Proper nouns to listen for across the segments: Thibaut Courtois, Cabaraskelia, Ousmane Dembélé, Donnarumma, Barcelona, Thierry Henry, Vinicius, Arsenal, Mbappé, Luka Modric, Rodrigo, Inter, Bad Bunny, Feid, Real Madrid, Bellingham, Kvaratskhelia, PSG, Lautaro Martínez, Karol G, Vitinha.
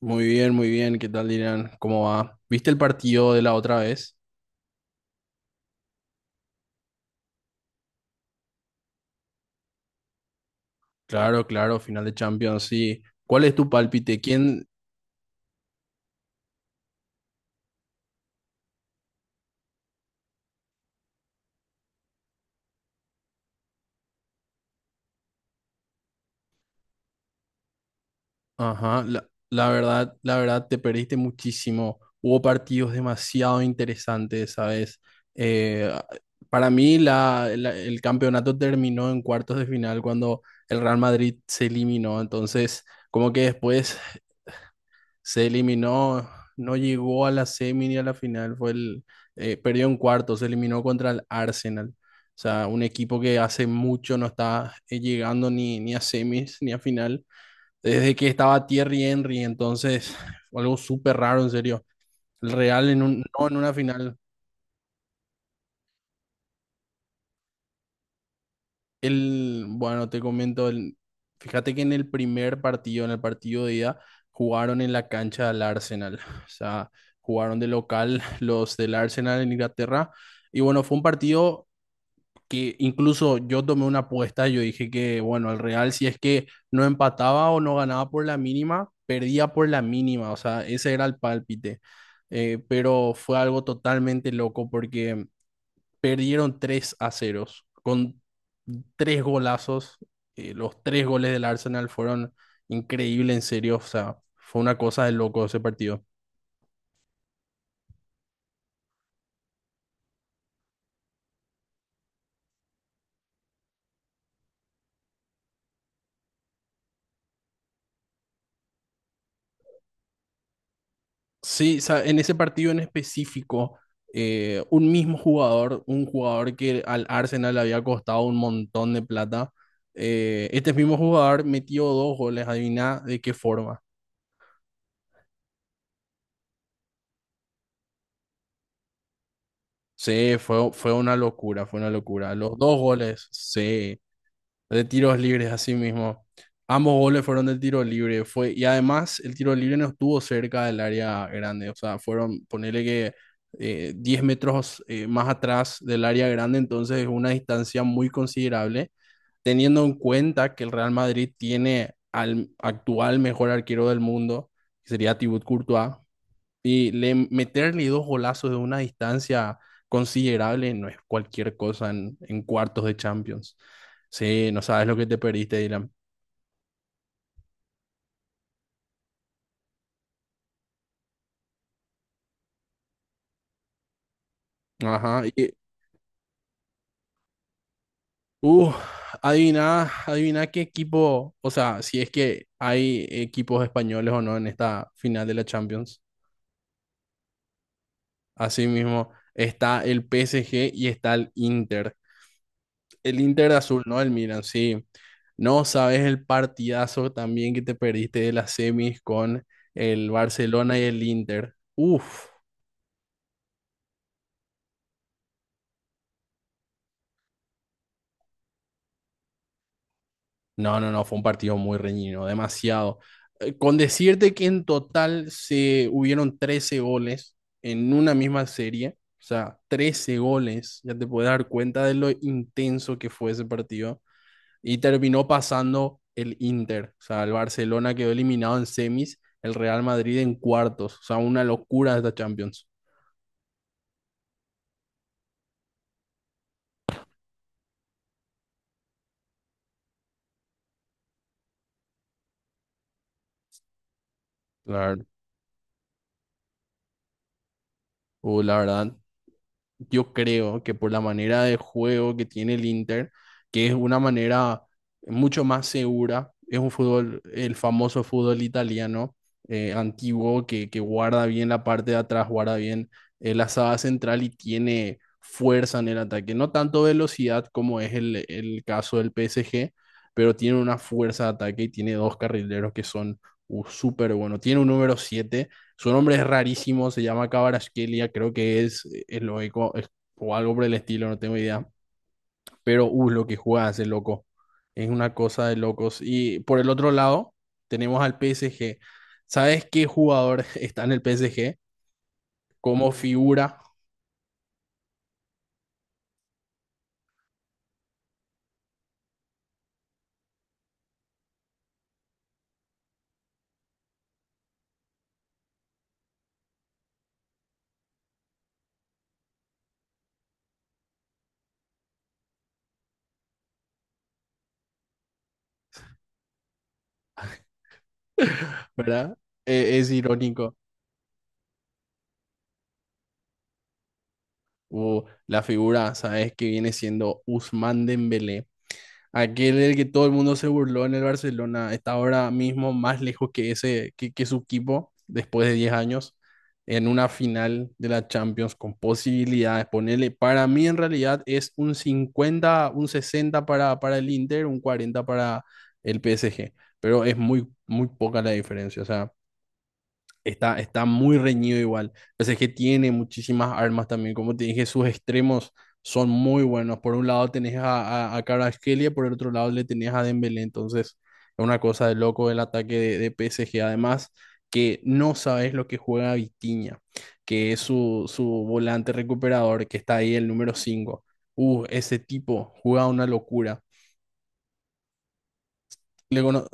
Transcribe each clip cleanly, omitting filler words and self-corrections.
Muy bien, muy bien. ¿Qué tal, Irán? ¿Cómo va? ¿Viste el partido de la otra vez? Claro, claro, final de Champions, sí. ¿Cuál es tu pálpite? ¿Quién? Ajá, la verdad, te perdiste muchísimo. Hubo partidos demasiado interesantes, ¿sabes? Eh, para mí, el campeonato terminó en cuartos de final cuando el Real Madrid se eliminó. Entonces, como que después se eliminó, no llegó a la semi ni a la final, perdió en cuarto, se eliminó contra el Arsenal. O sea, un equipo que hace mucho no está llegando ni a semis ni a final, desde que estaba Thierry Henry. Entonces fue algo súper raro, en serio. El Real en un, no en una final. Bueno, te comento, fíjate que en el primer partido, en el partido de ida, jugaron en la cancha del Arsenal. O sea, jugaron de local los del Arsenal en Inglaterra. Y bueno, fue un partido que incluso yo tomé una apuesta. Yo dije que, bueno, el Real, si es que no empataba o no ganaba por la mínima, perdía por la mínima. O sea, ese era el pálpite. Pero fue algo totalmente loco porque perdieron 3 a 0 con tres golazos. Los tres goles del Arsenal fueron increíbles, en serio. O sea, fue una cosa de loco ese partido. Sí, o sea, en ese partido en específico, un mismo jugador, un jugador que al Arsenal le había costado un montón de plata, este mismo jugador metió dos goles, adivina de qué forma. Sí, fue, fue una locura, fue una locura. Los dos goles, sí. De tiros libres, así mismo. Ambos goles fueron de tiro libre. Fue, y además, el tiro libre no estuvo cerca del área grande. O sea, fueron, ponele que 10 metros más atrás del área grande. Entonces, es una distancia muy considerable. Teniendo en cuenta que el Real Madrid tiene al actual mejor arquero del mundo, que sería Thibaut Courtois, meterle dos golazos de una distancia considerable no es cualquier cosa en cuartos de Champions. Sí, no sabes lo que te perdiste, Dylan. Ajá. Y uh, adivina, adivina qué equipo, o sea, si es que hay equipos españoles o no en esta final de la Champions. Asimismo, está el PSG y está el Inter. El Inter azul, no el Milan, sí. No sabes el partidazo también que te perdiste de las semis con el Barcelona y el Inter. Uf, no, no, no, fue un partido muy reñido, demasiado. Con decirte que en total se hubieron 13 goles en una misma serie, o sea, 13 goles, ya te puedes dar cuenta de lo intenso que fue ese partido. Y terminó pasando el Inter. O sea, el Barcelona quedó eliminado en semis, el Real Madrid en cuartos. O sea, una locura esta Champions. Claro, la verdad, yo creo que por la manera de juego que tiene el Inter, que es una manera mucho más segura, es un fútbol, el famoso fútbol italiano antiguo que guarda bien la parte de atrás, guarda bien la saga central y tiene fuerza en el ataque. No tanto velocidad como es el caso del PSG, pero tiene una fuerza de ataque y tiene dos carrileros que son súper buenos. Tiene un número siete, su nombre es rarísimo, se llama Cabaraskelia, creo que es eslovaco o algo por el estilo, no tengo idea. Pero, lo que juega ese loco. Es una cosa de locos. Y por el otro lado, tenemos al PSG. ¿Sabes qué jugador está en el PSG? Como figura, ¿verdad? Es irónico. Uh, la figura, ¿sabes qué viene siendo Ousmane Dembélé? Aquel del que todo el mundo se burló en el Barcelona está ahora mismo más lejos que que su equipo después de 10 años en una final de la Champions con posibilidades. Ponerle, para mí en realidad es un 50 un 60 para el Inter, un 40 para el PSG, pero es muy, muy poca la diferencia. O sea, está, está muy reñido igual. O sea, es que tiene muchísimas armas también. Como te dije, sus extremos son muy buenos. Por un lado tenés a Kvaratskhelia, por el otro lado le tenés a Dembélé. Entonces, es una cosa de loco el ataque de PSG. Además, que no sabes lo que juega Vitinha, que es su volante recuperador, que está ahí el número cinco. Ese tipo juega una locura. Le cono-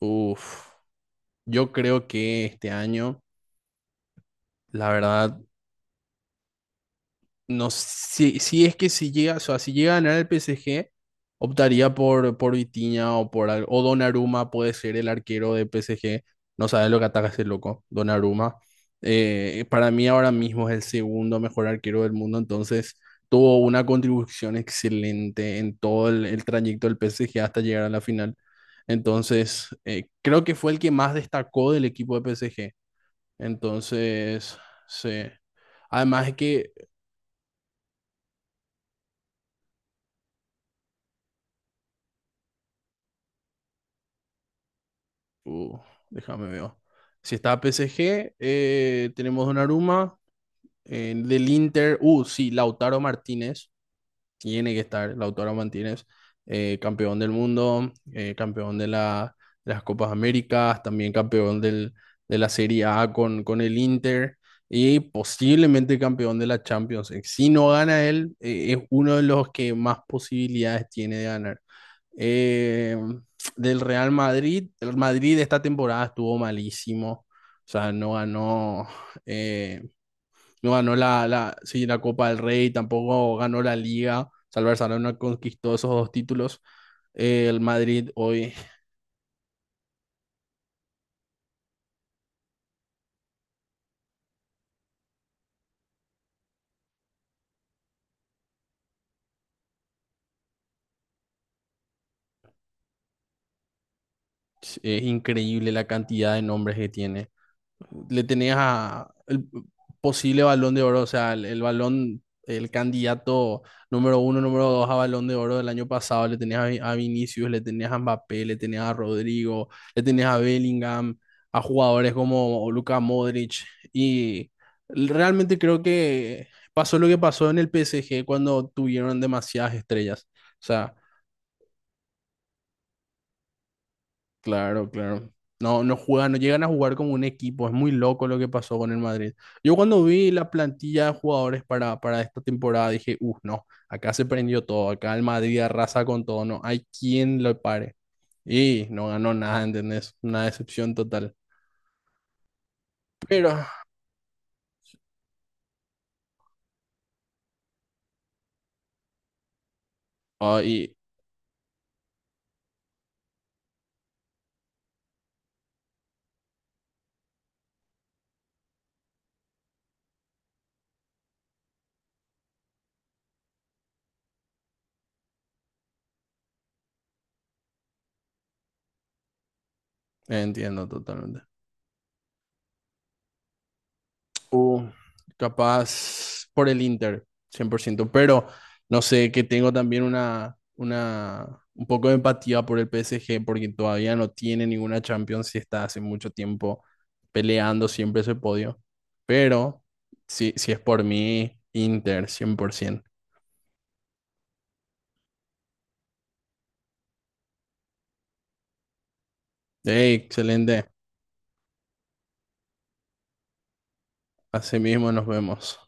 Uf, yo creo que este año, la verdad, no, si es que si llega, o sea, si llega a ganar el PSG, optaría por Vitinha o por o Donnarumma puede ser el arquero de PSG. No sabe lo que ataca ese loco, Donnarumma. Para mí ahora mismo es el segundo mejor arquero del mundo, entonces tuvo una contribución excelente en todo el trayecto del PSG hasta llegar a la final. Entonces, creo que fue el que más destacó del equipo de PSG. Entonces, sí. Además es que Uh, déjame ver. Si está PSG, tenemos Donnarumma. Del Inter, sí, Lautaro Martínez, tiene que estar Lautaro Martínez, campeón del mundo, campeón de, de las Copas Américas, también campeón de la Serie A con el Inter y posiblemente campeón de la Champions League. Si no gana él, es uno de los que más posibilidades tiene de ganar. Eh, Del Real Madrid, el Madrid esta temporada estuvo malísimo, o sea, no ganó, eh, no ganó sí, la Copa del Rey, tampoco ganó la Liga. Salvar Barcelona conquistó esos dos títulos. El Madrid hoy es increíble la cantidad de nombres que tiene. Le tenías a el posible balón de oro, o sea, el balón, el candidato número uno, número dos a balón de oro del año pasado, le tenías a, a Vinicius, le tenías a Mbappé, le tenías a Rodrigo, le tenías a Bellingham, a jugadores como Luka Modric, y realmente creo que pasó lo que pasó en el PSG cuando tuvieron demasiadas estrellas. O sea, claro, claro. No, no juegan, no llegan a jugar como un equipo. Es muy loco lo que pasó con el Madrid. Yo cuando vi la plantilla de jugadores para esta temporada dije, uff, no, acá se prendió todo, acá el Madrid arrasa con todo, no hay quien lo pare. Y no ganó nada, ¿entendés? Una decepción total. Pero, ahí entiendo totalmente. Uh, Capaz por el Inter, 100%, pero no sé, que tengo también un poco de empatía por el PSG porque todavía no tiene ninguna Champions y está hace mucho tiempo peleando siempre ese podio, pero si es por mí, Inter, 100%. Ey, excelente, así mismo nos vemos.